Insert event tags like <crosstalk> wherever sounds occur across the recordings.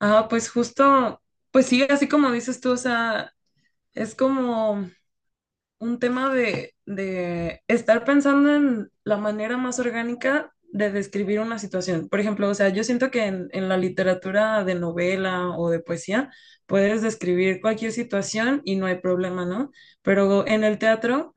Ah, pues justo, pues sí, así como dices tú, o sea, es como un tema de estar pensando en la manera más orgánica de describir una situación. Por ejemplo, o sea, yo siento que en la literatura de novela o de poesía puedes describir cualquier situación y no hay problema, ¿no? Pero en el teatro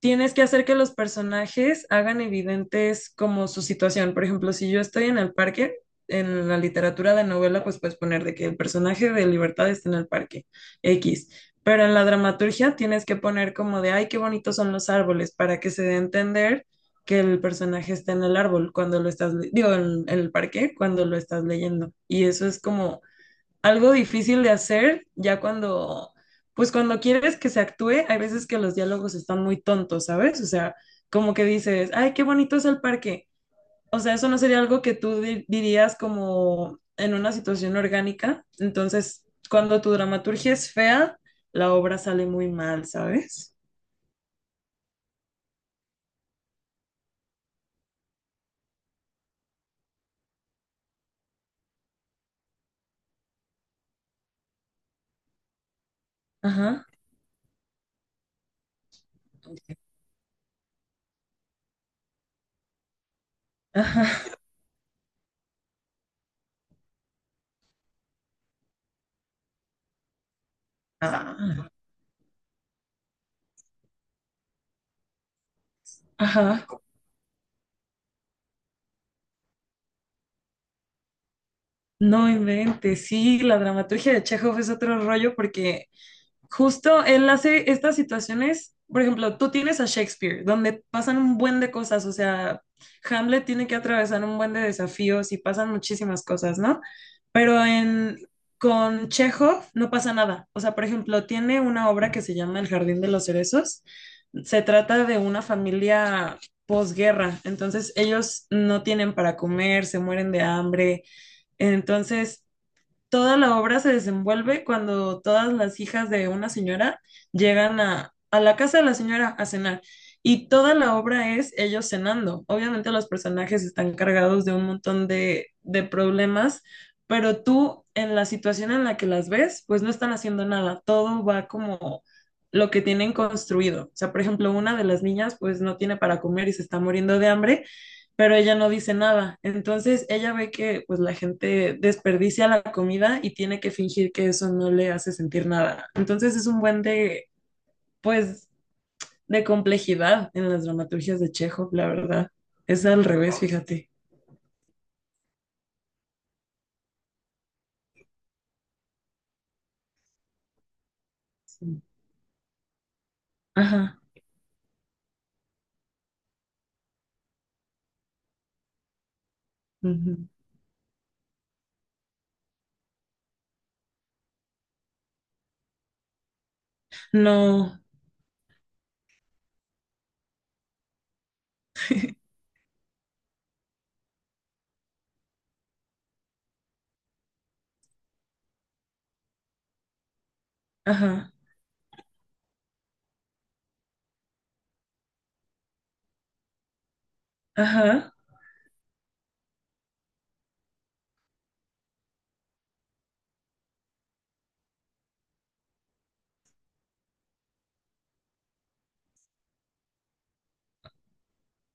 tienes que hacer que los personajes hagan evidentes como su situación. Por ejemplo, si yo estoy en el parque, en la literatura de novela, pues puedes poner de que el personaje de Libertad está en el parque, X. Pero en la dramaturgia tienes que poner como de, ay, qué bonitos son los árboles, para que se dé a entender que el personaje está en el árbol cuando lo estás, digo, en el parque cuando lo estás leyendo. Y eso es como algo difícil de hacer ya cuando, pues cuando quieres que se actúe, hay veces que los diálogos están muy tontos, ¿sabes? O sea, como que dices, ay, qué bonito es el parque. O sea, eso no sería algo que tú dirías como en una situación orgánica. Entonces, cuando tu dramaturgia es fea, la obra sale muy mal, ¿sabes? Ajá. Ajá. Ah, ajá. No inventes. Sí, la dramaturgia de Chekhov es otro rollo porque justo él hace estas situaciones, por ejemplo, tú tienes a Shakespeare, donde pasan un buen de cosas, o sea, Hamlet tiene que atravesar un buen de desafíos y pasan muchísimas cosas, ¿no? Pero en, con Chekhov no pasa nada. O sea, por ejemplo, tiene una obra que se llama El Jardín de los Cerezos. Se trata de una familia posguerra, entonces ellos no tienen para comer, se mueren de hambre. Entonces, toda la obra se desenvuelve cuando todas las hijas de una señora llegan a la casa de la señora a cenar. Y toda la obra es ellos cenando. Obviamente los personajes están cargados de un montón de problemas, pero tú en la situación en la que las ves, pues no están haciendo nada. Todo va como lo que tienen construido. O sea, por ejemplo, una de las niñas pues no tiene para comer y se está muriendo de hambre pero ella no dice nada. Entonces ella ve que pues la gente desperdicia la comida y tiene que fingir que eso no le hace sentir nada. Entonces es un buen de, pues, de complejidad en las dramaturgias de Chekhov, la verdad. Es al revés, fíjate. Sí. Ajá. Ujú. No. <laughs> Ajá. Ajá.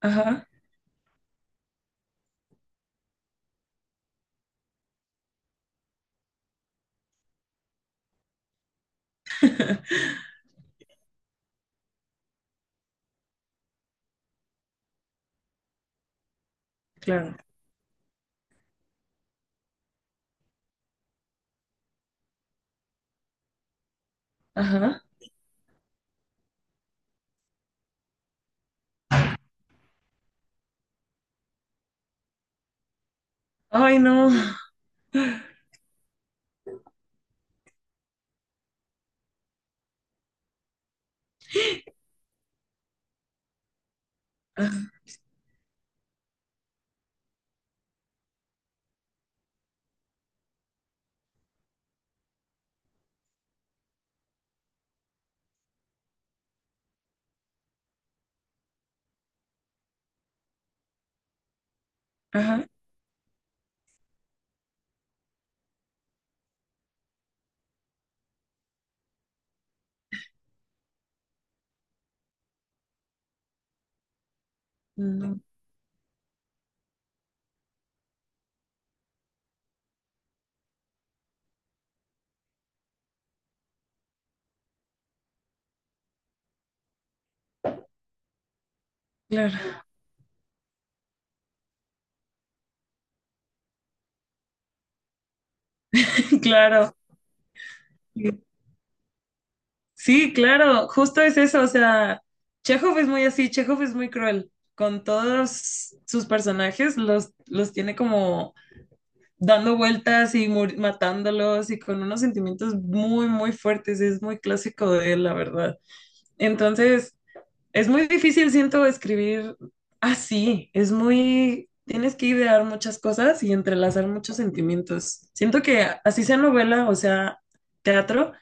Ajá. <laughs> Claro. Ajá. Ay, no. Ajá. Ajá. No. Claro. <laughs> Claro. Sí, claro, justo es eso, o sea, Chekhov es muy así, Chekhov es muy cruel, con todos sus personajes los tiene como dando vueltas y matándolos y con unos sentimientos muy, muy fuertes, es muy clásico de él, la verdad. Entonces, es muy difícil, siento, escribir así, es muy, tienes que idear muchas cosas y entrelazar muchos sentimientos. Siento que así sea novela, o sea, teatro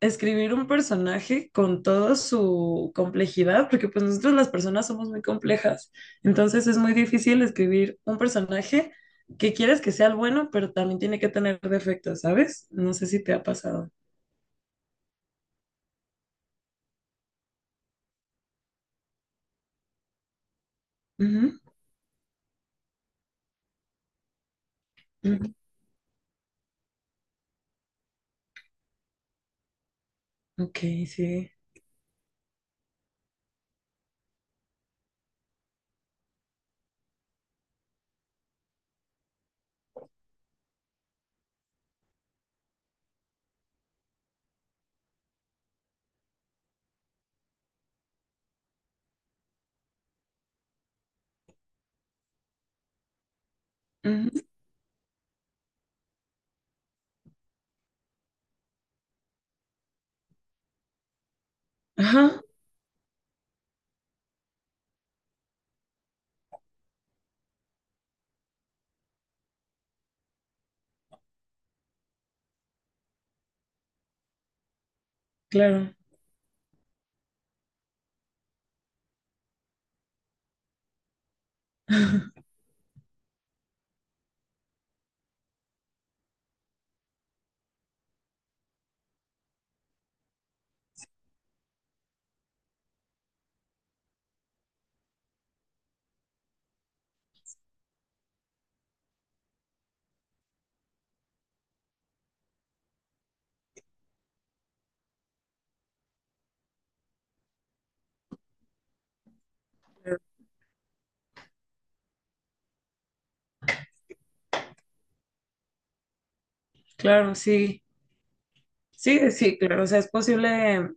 escribir un personaje con toda su complejidad, porque pues nosotros las personas somos muy complejas, entonces es muy difícil escribir un personaje que quieres que sea el bueno, pero también tiene que tener defectos, ¿sabes? No sé si te ha pasado. Ujú, ujú. Ok, sí. Ujú. Ajá, claro, claro, sí. Sí, sí, claro, o sea, es posible.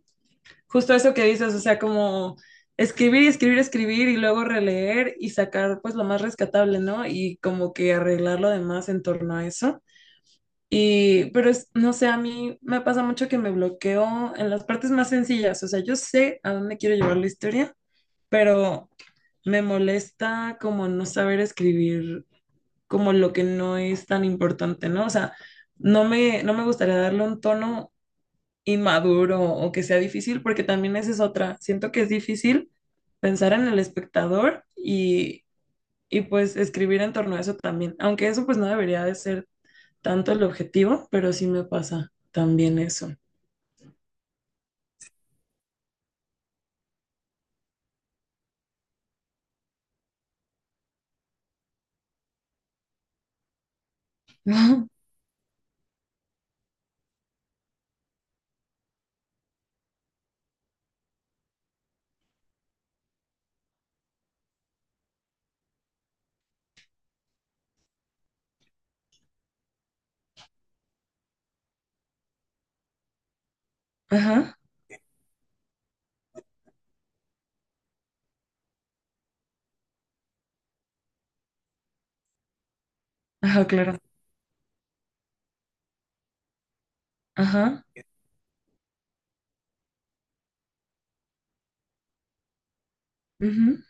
Justo eso que dices, o sea, como escribir y escribir, escribir y luego releer y sacar pues lo más rescatable, ¿no? Y como que arreglar lo demás en torno a eso. Y, pero no sé, a mí me pasa mucho que me bloqueo en las partes más sencillas, o sea, yo sé a dónde quiero llevar la historia, pero me molesta como no saber escribir como lo que no es tan importante, ¿no? O sea, no me gustaría darle un tono inmaduro o que sea difícil, porque también esa es otra. Siento que es difícil pensar en el espectador y pues escribir en torno a eso también, aunque eso pues no debería de ser tanto el objetivo, pero sí me pasa también eso. <laughs> Ajá, ajá, ajá, claro. Ajá, ujú,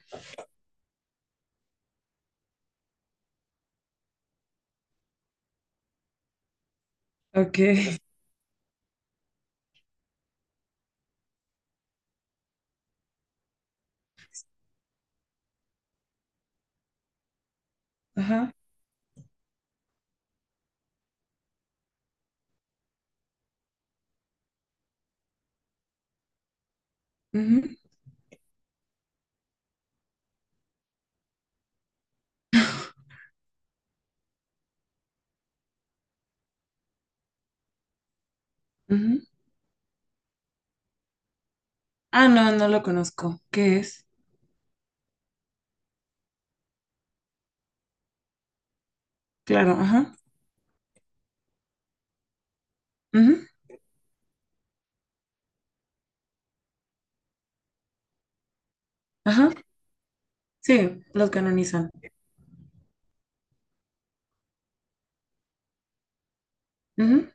ok, ajá, ujú, ujú. Ah, no, no lo conozco. ¿Qué es? Claro, ajá, ujú, ajá, sí, los canonizan. Ujú.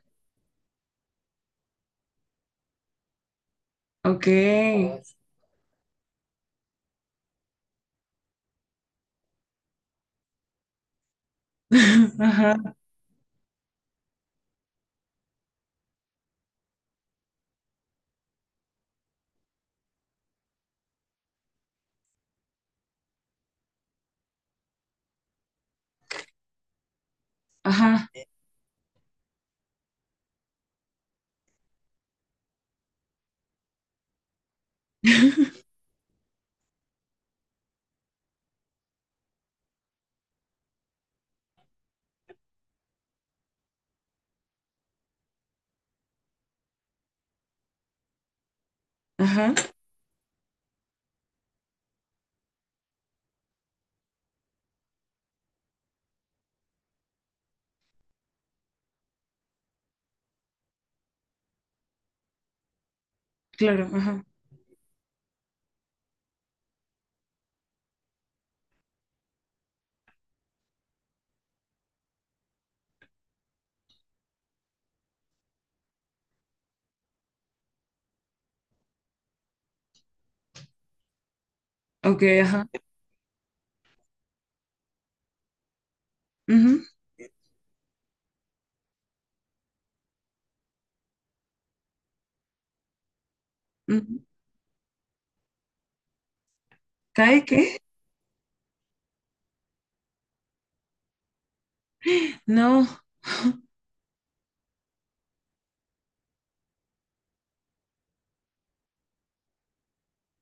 Ok. <laughs> Ajá, ajá. Ajá, claro, ajá. Ok, ajá. Ujú, ujú. ¿Cae qué? No. <laughs>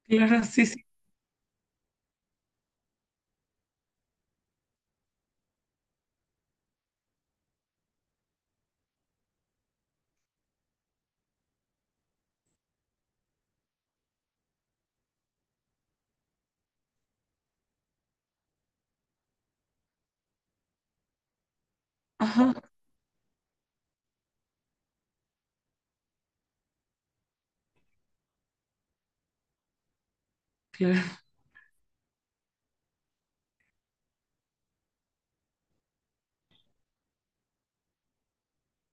Claro, sí, sí. Ajá, claro.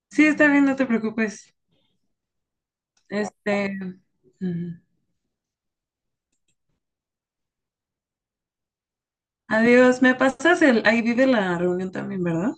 Sí, está bien, no te preocupes. Este. Ujú. Adiós, me pasas el. Ahí vive la reunión también, ¿verdad?